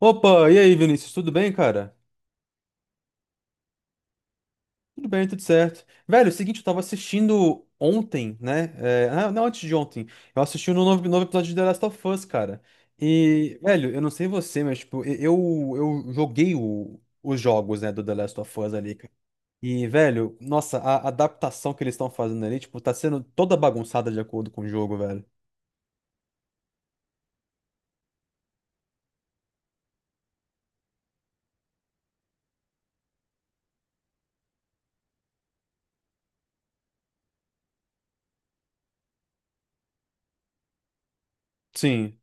Opa, e aí, Vinícius, tudo bem, cara? Tudo bem, tudo certo. Velho, é o seguinte, eu tava assistindo ontem, né? Não, antes de ontem. Eu assisti um novo episódio de The Last of Us, cara. E, velho, eu não sei você, mas, tipo, eu joguei os jogos, né, do The Last of Us ali, cara. E, velho, nossa, a adaptação que eles estão fazendo ali, tipo, tá sendo toda bagunçada de acordo com o jogo, velho. Sim,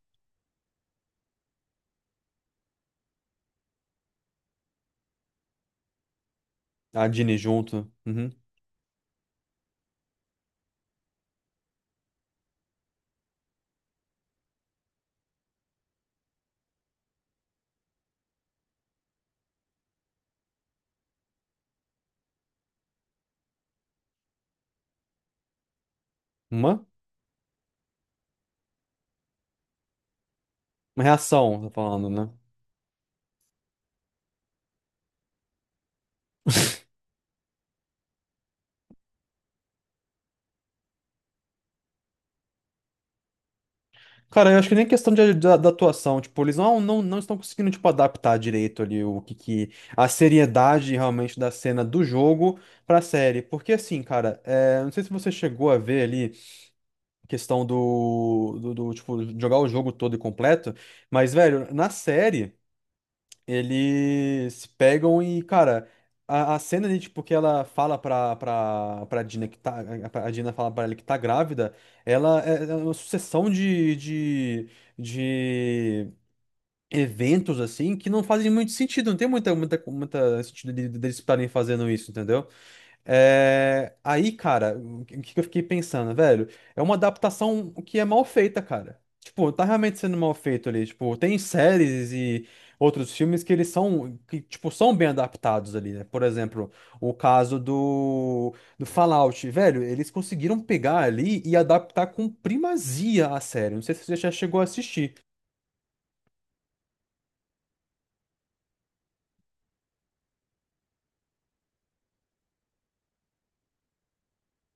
a Dini junto. Uhum. Uma? Uma reação, tá falando, né? Cara, eu acho que nem questão de, da, da atuação, tipo, eles não estão conseguindo, tipo, adaptar direito ali o que a seriedade realmente da cena do jogo pra série. Porque assim, cara, é, não sei se você chegou a ver ali a questão do tipo, jogar o jogo todo e completo, mas, velho, na série. Eles pegam e, cara, a cena ali, tipo, que ela fala pra Dina que tá. A Dina fala pra ela que tá grávida, ela é uma sucessão de eventos, assim, que não fazem muito sentido, não tem muita, muita, muita sentido de- deles estarem fazendo isso, entendeu? É, aí, cara, o que eu fiquei pensando, velho? É uma adaptação que é mal feita, cara. Tipo, tá realmente sendo mal feito ali. Tipo, tem séries e outros filmes que eles são, que, tipo, são bem adaptados ali, né? Por exemplo, o caso do Fallout, velho, eles conseguiram pegar ali e adaptar com primazia a série. Não sei se você já chegou a assistir.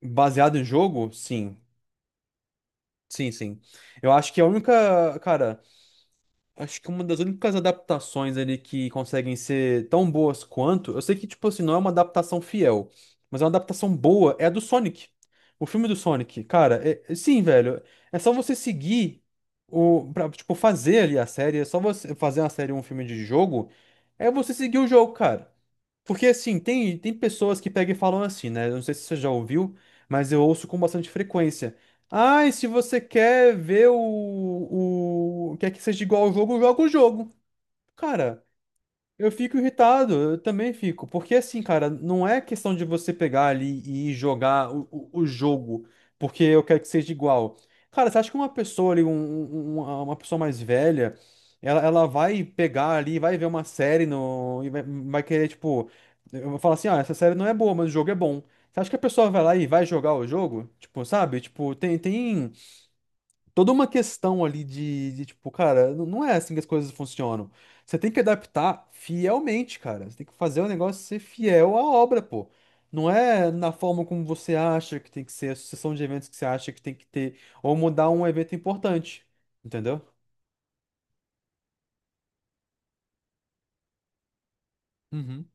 Baseado em jogo? Sim. Sim, sim. Eu acho que a única, cara. Acho que uma das únicas adaptações ali que conseguem ser tão boas quanto, eu sei que, tipo assim, não é uma adaptação fiel, mas é uma adaptação boa, é a do Sonic. O filme do Sonic, cara, sim, velho, é só você seguir o, pra, tipo, fazer ali a série, é só você fazer uma série ou um filme de jogo, é você seguir o jogo, cara. Porque assim, tem, tem pessoas que pegam e falam assim, né? Eu não sei se você já ouviu, mas eu ouço com bastante frequência. Ah, e se você quer ver o... Quer que seja igual ao jogo, joga o jogo. Cara, eu fico irritado, eu também fico. Porque assim, cara, não é questão de você pegar ali e jogar o jogo porque eu quero que seja igual. Cara, você acha que uma pessoa ali, um- um- um, uma pessoa mais velha, ela vai pegar ali, vai ver uma série no, e vai, vai querer, tipo, eu vou falar assim, ah, essa série não é boa, mas o jogo é bom. Você acha que a pessoa vai lá e vai jogar o jogo? Tipo, sabe? Tipo, tem, tem toda uma questão ali de, tipo, cara, n- não é assim que as coisas funcionam. Você tem que adaptar fielmente, cara. Você tem que fazer o negócio ser fiel à obra, pô. Não é na forma como você acha que tem que ser, a sucessão de eventos que você acha que tem que ter, ou mudar um evento importante. Entendeu? Uhum.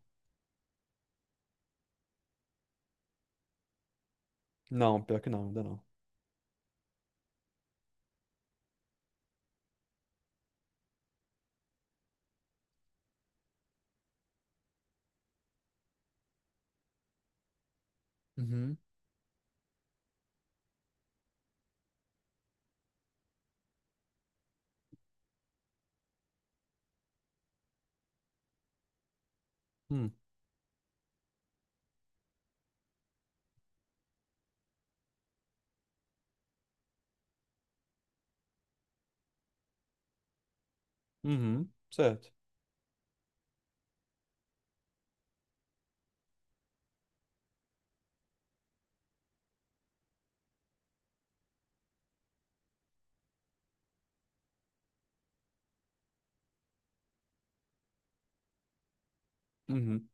Não, pior que não, ainda não. Uhum. Hum. Uhum, certo. Uhum,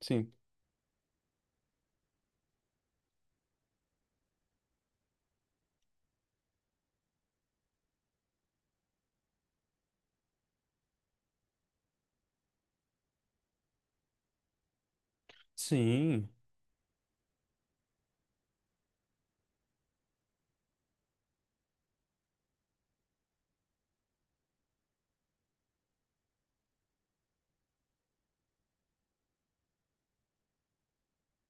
sim. Sim,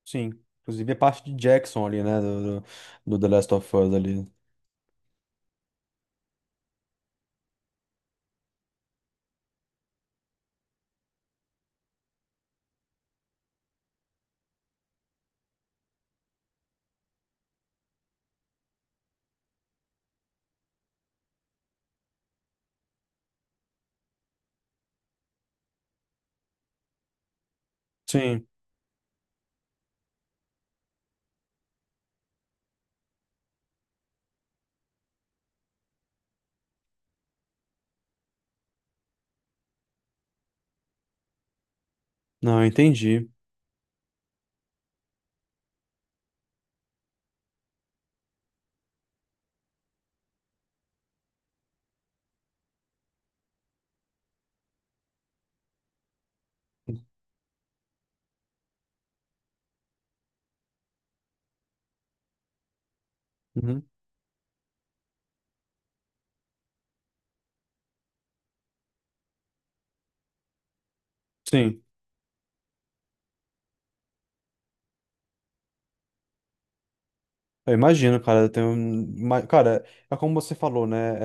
sim. Inclusive a parte de Jackson ali, né? Do, do, do The Last of Us ali. Sim. Não, eu entendi. Uhum. Sim, eu imagino, cara. Tem um... ima- cara, é como você falou, né?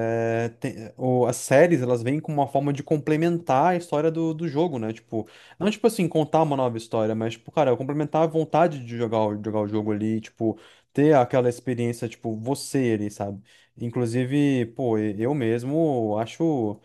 É, tem- o- as séries, elas vêm com uma forma de complementar a história do jogo, né? Tipo, não tipo assim, contar uma nova história, mas, tipo, cara, complementar a vontade de jogar, o- jogar o jogo ali, tipo, ter aquela experiência, tipo, você ali, sabe? Inclusive, pô, eu mesmo acho.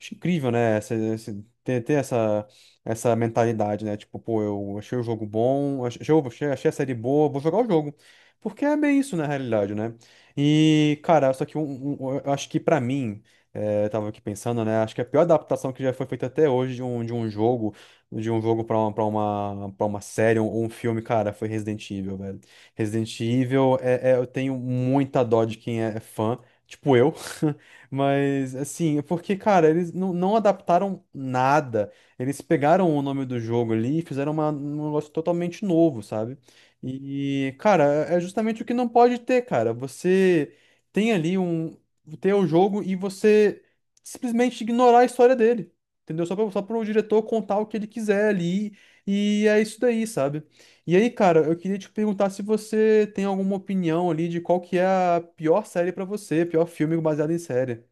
Acho incrível, né? Ter essa mentalidade, né? Tipo, pô, eu achei o jogo bom, achei a série boa, vou jogar o jogo. Porque é bem isso, na realidade, né? E, cara, só que eu acho que pra mim, é, eu tava aqui pensando, né? Acho que a pior adaptação que já foi feita até hoje de um, de um jogo pra uma série ou um filme, cara, foi Resident Evil, velho. Resident Evil, eu tenho muita dó de quem é fã, tipo eu. Mas, assim, é porque, cara, eles não adaptaram nada. Eles pegaram o nome do jogo ali e fizeram um negócio totalmente novo, sabe? E, cara, é justamente o que não pode ter, cara. Você tem ali um. Ter o jogo e você simplesmente ignorar a história dele. Entendeu? Só para só pro diretor contar o que ele quiser ali. E é isso daí, sabe? E aí, cara, eu queria te perguntar se você tem alguma opinião ali de qual que é a pior série pra você, pior filme baseado em série.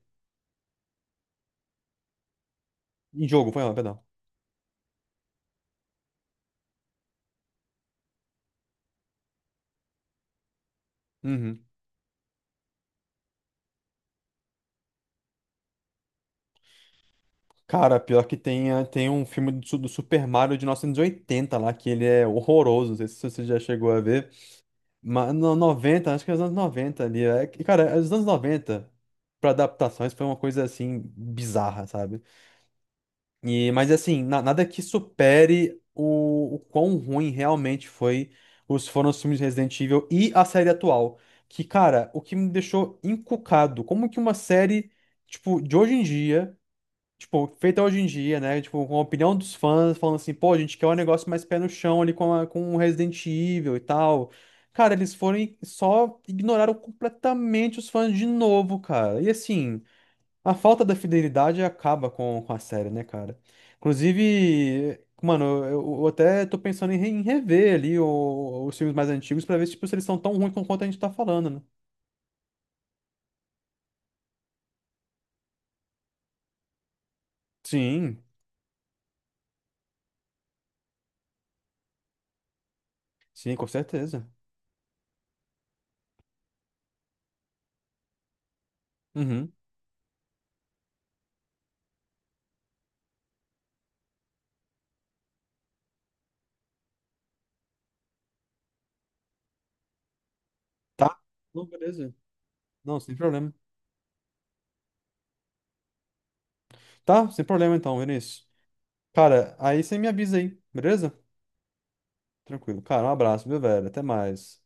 Em jogo, foi lá, perdão. Uhum. Cara, pior que tem, tem um filme do Super Mario de 1980 lá, que ele é horroroso, não sei se você já chegou a ver. Mas no noventa acho que é os anos 90 ali. É, que, cara, é os anos 90 pra adaptações, foi uma coisa assim, bizarra, sabe? E, mas assim, nada que supere o quão ruim realmente foi os, foram os filmes de Resident Evil e a série atual. Que, cara, o que me deixou encucado, como que uma série, tipo, de hoje em dia tipo, feita hoje em dia, né? Tipo, com a opinião dos fãs, falando assim, pô, a gente quer um negócio mais pé no chão ali com, a, com o Resident Evil e tal. Cara, eles foram e só ignoraram completamente os fãs de novo, cara. E assim, a falta da fidelidade acaba com a série, né, cara? Inclusive, mano, eu até tô pensando em rever ali os filmes mais antigos pra ver tipo, se eles são tão ruins quanto a gente tá falando, né? Sim, sim, com certeza. Uhum. Tá? Não, beleza. Não, sem problema. Tá, sem problema então, Vinícius. Cara, aí você me avisa aí, beleza? Tranquilo. Cara, um abraço, viu, velho? Até mais.